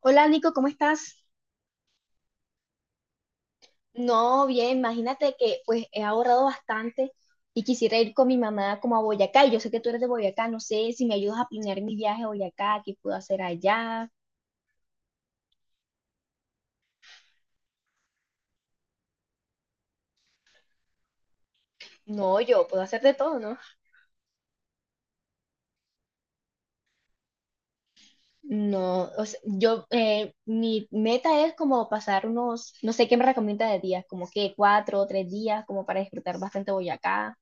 Hola Nico, ¿cómo estás? No, bien, imagínate que pues he ahorrado bastante y quisiera ir con mi mamá como a Boyacá. Y yo sé que tú eres de Boyacá, no sé si me ayudas a planear mi viaje a Boyacá, qué puedo hacer allá. No, yo puedo hacer de todo, ¿no? No, o sea, yo, mi meta es como pasar unos, no sé qué me recomienda de días, como que cuatro o tres días, como para disfrutar bastante Boyacá.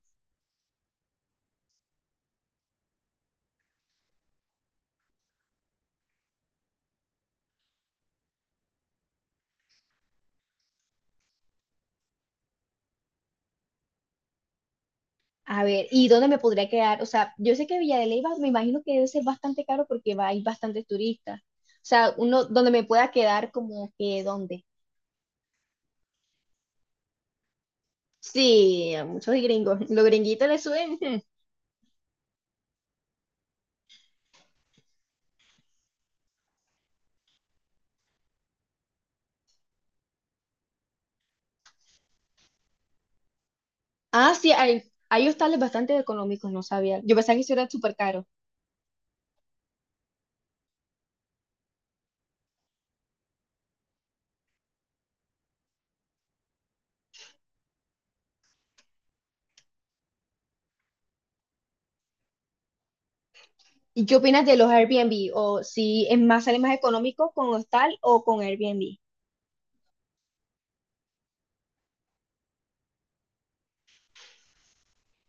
A ver, ¿y dónde me podría quedar? O sea, yo sé que Villa de Leyva me imagino que debe ser bastante caro porque va, hay bastantes turistas. O sea, uno, donde me pueda quedar como que dónde? Sí, a muchos gringos. Los gringuitos le suben. Hmm. Ah, sí, hay hostales bastante económicos, no sabía. Yo pensaba que eso era súper caro. ¿Y qué opinas de los Airbnb? ¿O si es más, sale más económico con hostal o con Airbnb?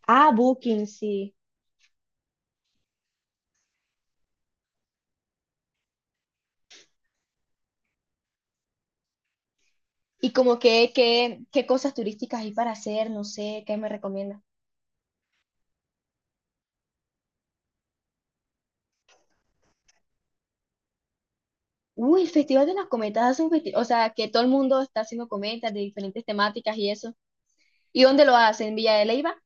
Ah, Booking, sí. ¿Y como que, qué, qué cosas turísticas hay para hacer? No sé, ¿qué me recomiendas? Uy, el Festival de las Cometas hace un festival, o sea, que todo el mundo está haciendo cometas de diferentes temáticas y eso. ¿Y dónde lo hacen? ¿En Villa de Leyva?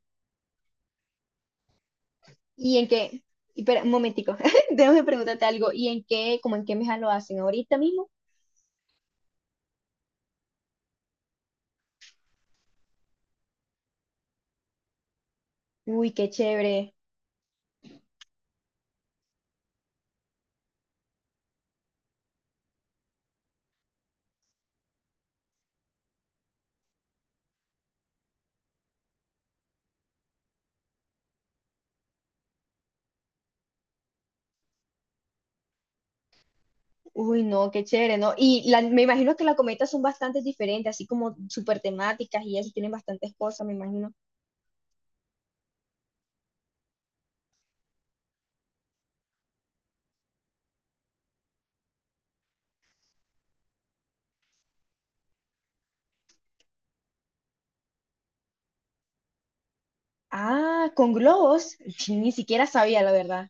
¿Y en qué? Espera, un momentico, déjame preguntarte algo. ¿Y en qué, como en qué mesa lo hacen ahorita mismo? Uy, qué chévere. Uy, no, qué chévere, ¿no? Y me imagino que las cometas son bastante diferentes, así como súper temáticas y eso, tienen bastantes cosas, me imagino. Ah, con globos, ni siquiera sabía, la verdad.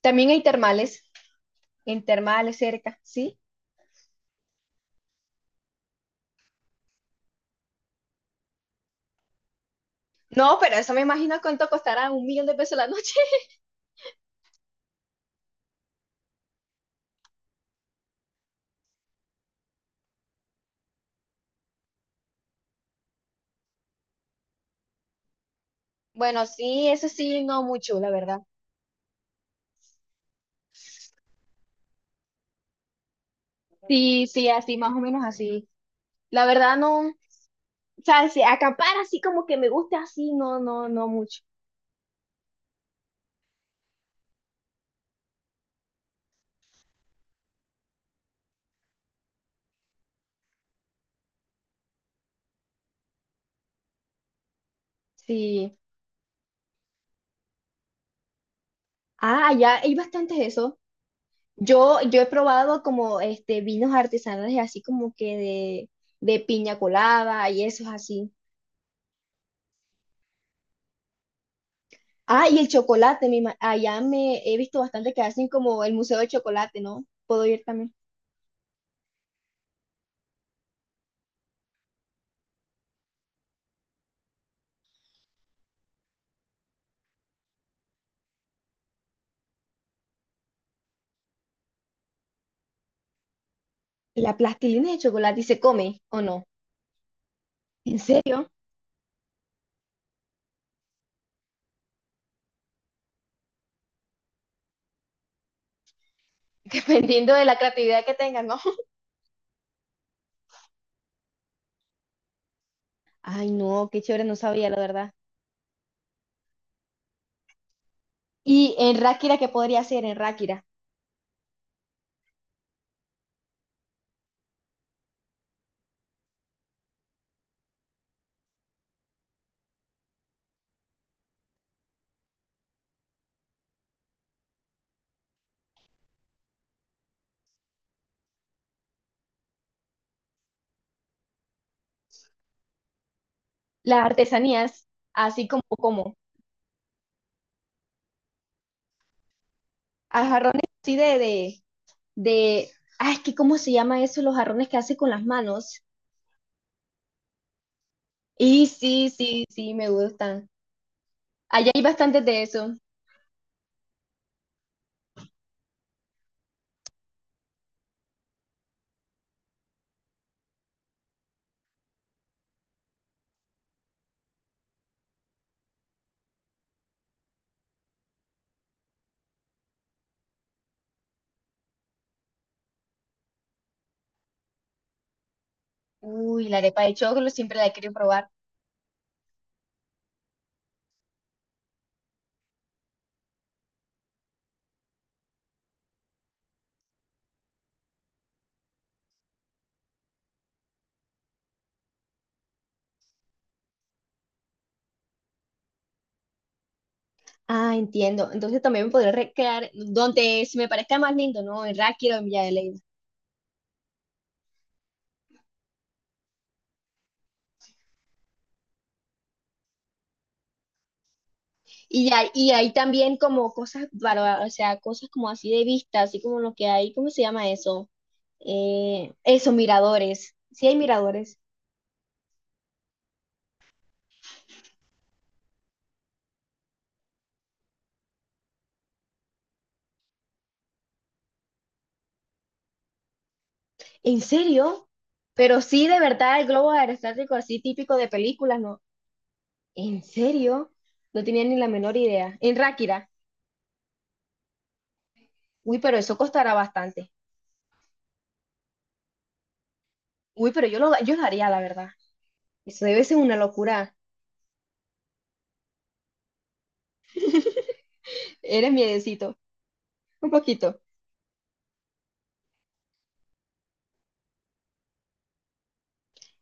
También hay termales, en termales cerca, ¿sí? No, pero eso me imagino cuánto costará un millón de pesos la noche. Bueno, sí, eso sí, no mucho, la verdad. Sí, sí, así, más o menos así. La verdad, no, o sea, si acampar así como que me gusta así, no, no, no mucho. Sí. Ah, ya hay bastantes de eso. Yo he probado como este vinos artesanales así como que de piña colada y eso es así. Ah, y el chocolate, allá me he visto bastante que hacen como el museo de chocolate, ¿no? Puedo ir también. ¿La plastilina de chocolate se come o no? ¿En serio? Dependiendo de la creatividad que tengan, ¿no? Ay, no, qué chévere, no sabía la verdad. Y en Ráquira, ¿qué podría hacer en Ráquira? Las artesanías, así como, como, a jarrones así de, ay, es que ¿cómo se llama eso? Los jarrones que hace con las manos. Y sí, sí, sí, me gustan. Allá hay bastantes de eso. Uy, la arepa de choclo siempre la quiero probar. Ah, entiendo. Entonces también me podría recrear donde se me parezca más lindo, ¿no? En Ráquira o en Villa de Leyva. Y ahí también como cosas, para, o sea, cosas como así de vista, así como lo que hay, ¿cómo se llama eso? Eso, miradores. Sí hay miradores. ¿En serio? Pero sí, de verdad, el globo aerostático así típico de películas, ¿no? ¿En serio? No tenía ni la menor idea. En Ráquira. Uy, pero eso costará bastante. Uy, pero yo lo haría, la verdad. Eso debe ser una locura. Eres miedecito. Un poquito.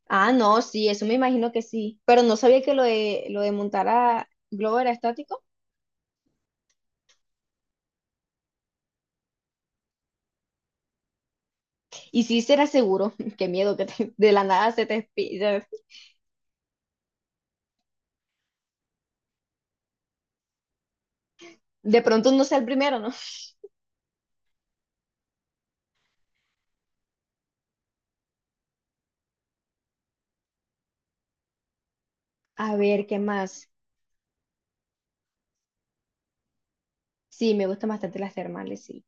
Ah, no, sí, eso me imagino que sí. Pero no sabía que lo de montar a globo era estático. Y sí será seguro. Qué miedo que de la nada se te... De pronto no sea el primero, ¿no? A ver, ¿qué más? Sí, me gustan bastante las termales, sí.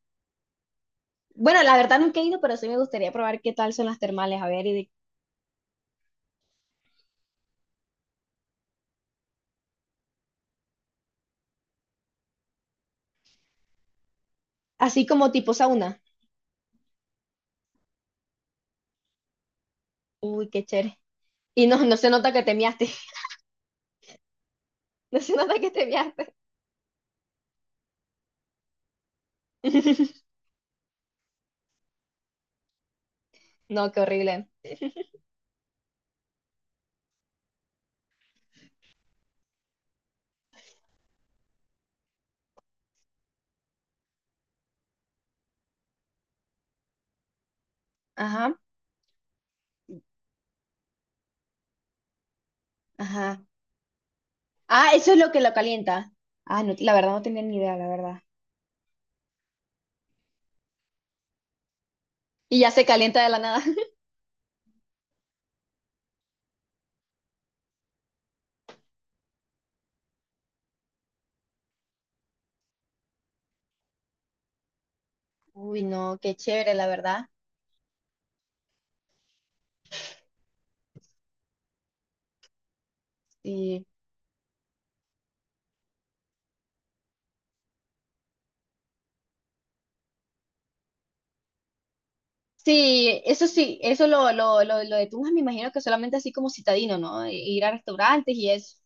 Bueno, la verdad nunca he ido, pero sí me gustaría probar qué tal son las termales. A ver, así como tipo sauna. Uy, qué chévere. Y no, no se nota que te miaste. No se nota que te miaste. No, qué horrible. Ajá, ajá. Ah, eso es lo que lo calienta. Ah, no, la verdad no tenía ni idea, la verdad. Y ya se calienta de la nada. Uy, no, qué chévere, la verdad. Sí, sí, eso lo de Tunja me imagino que solamente así como citadino, ¿no? E ir a restaurantes y eso.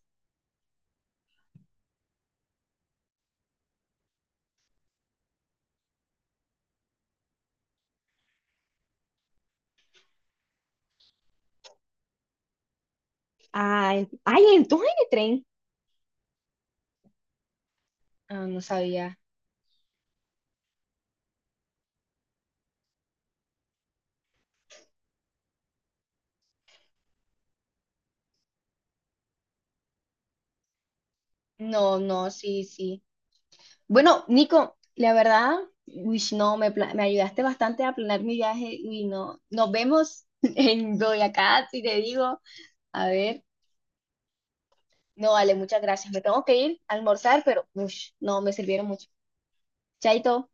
Ah, ay, en Tunja hay de tren. Ah, no sabía. No, no, sí, sí. Bueno, Nico, la verdad, uy, no, me, me ayudaste bastante a planear mi viaje. Y no, nos vemos en Boyacá, si te digo. A ver. No, vale, muchas gracias. Me tengo que ir a almorzar, pero ush, no, me sirvieron mucho. Chaito.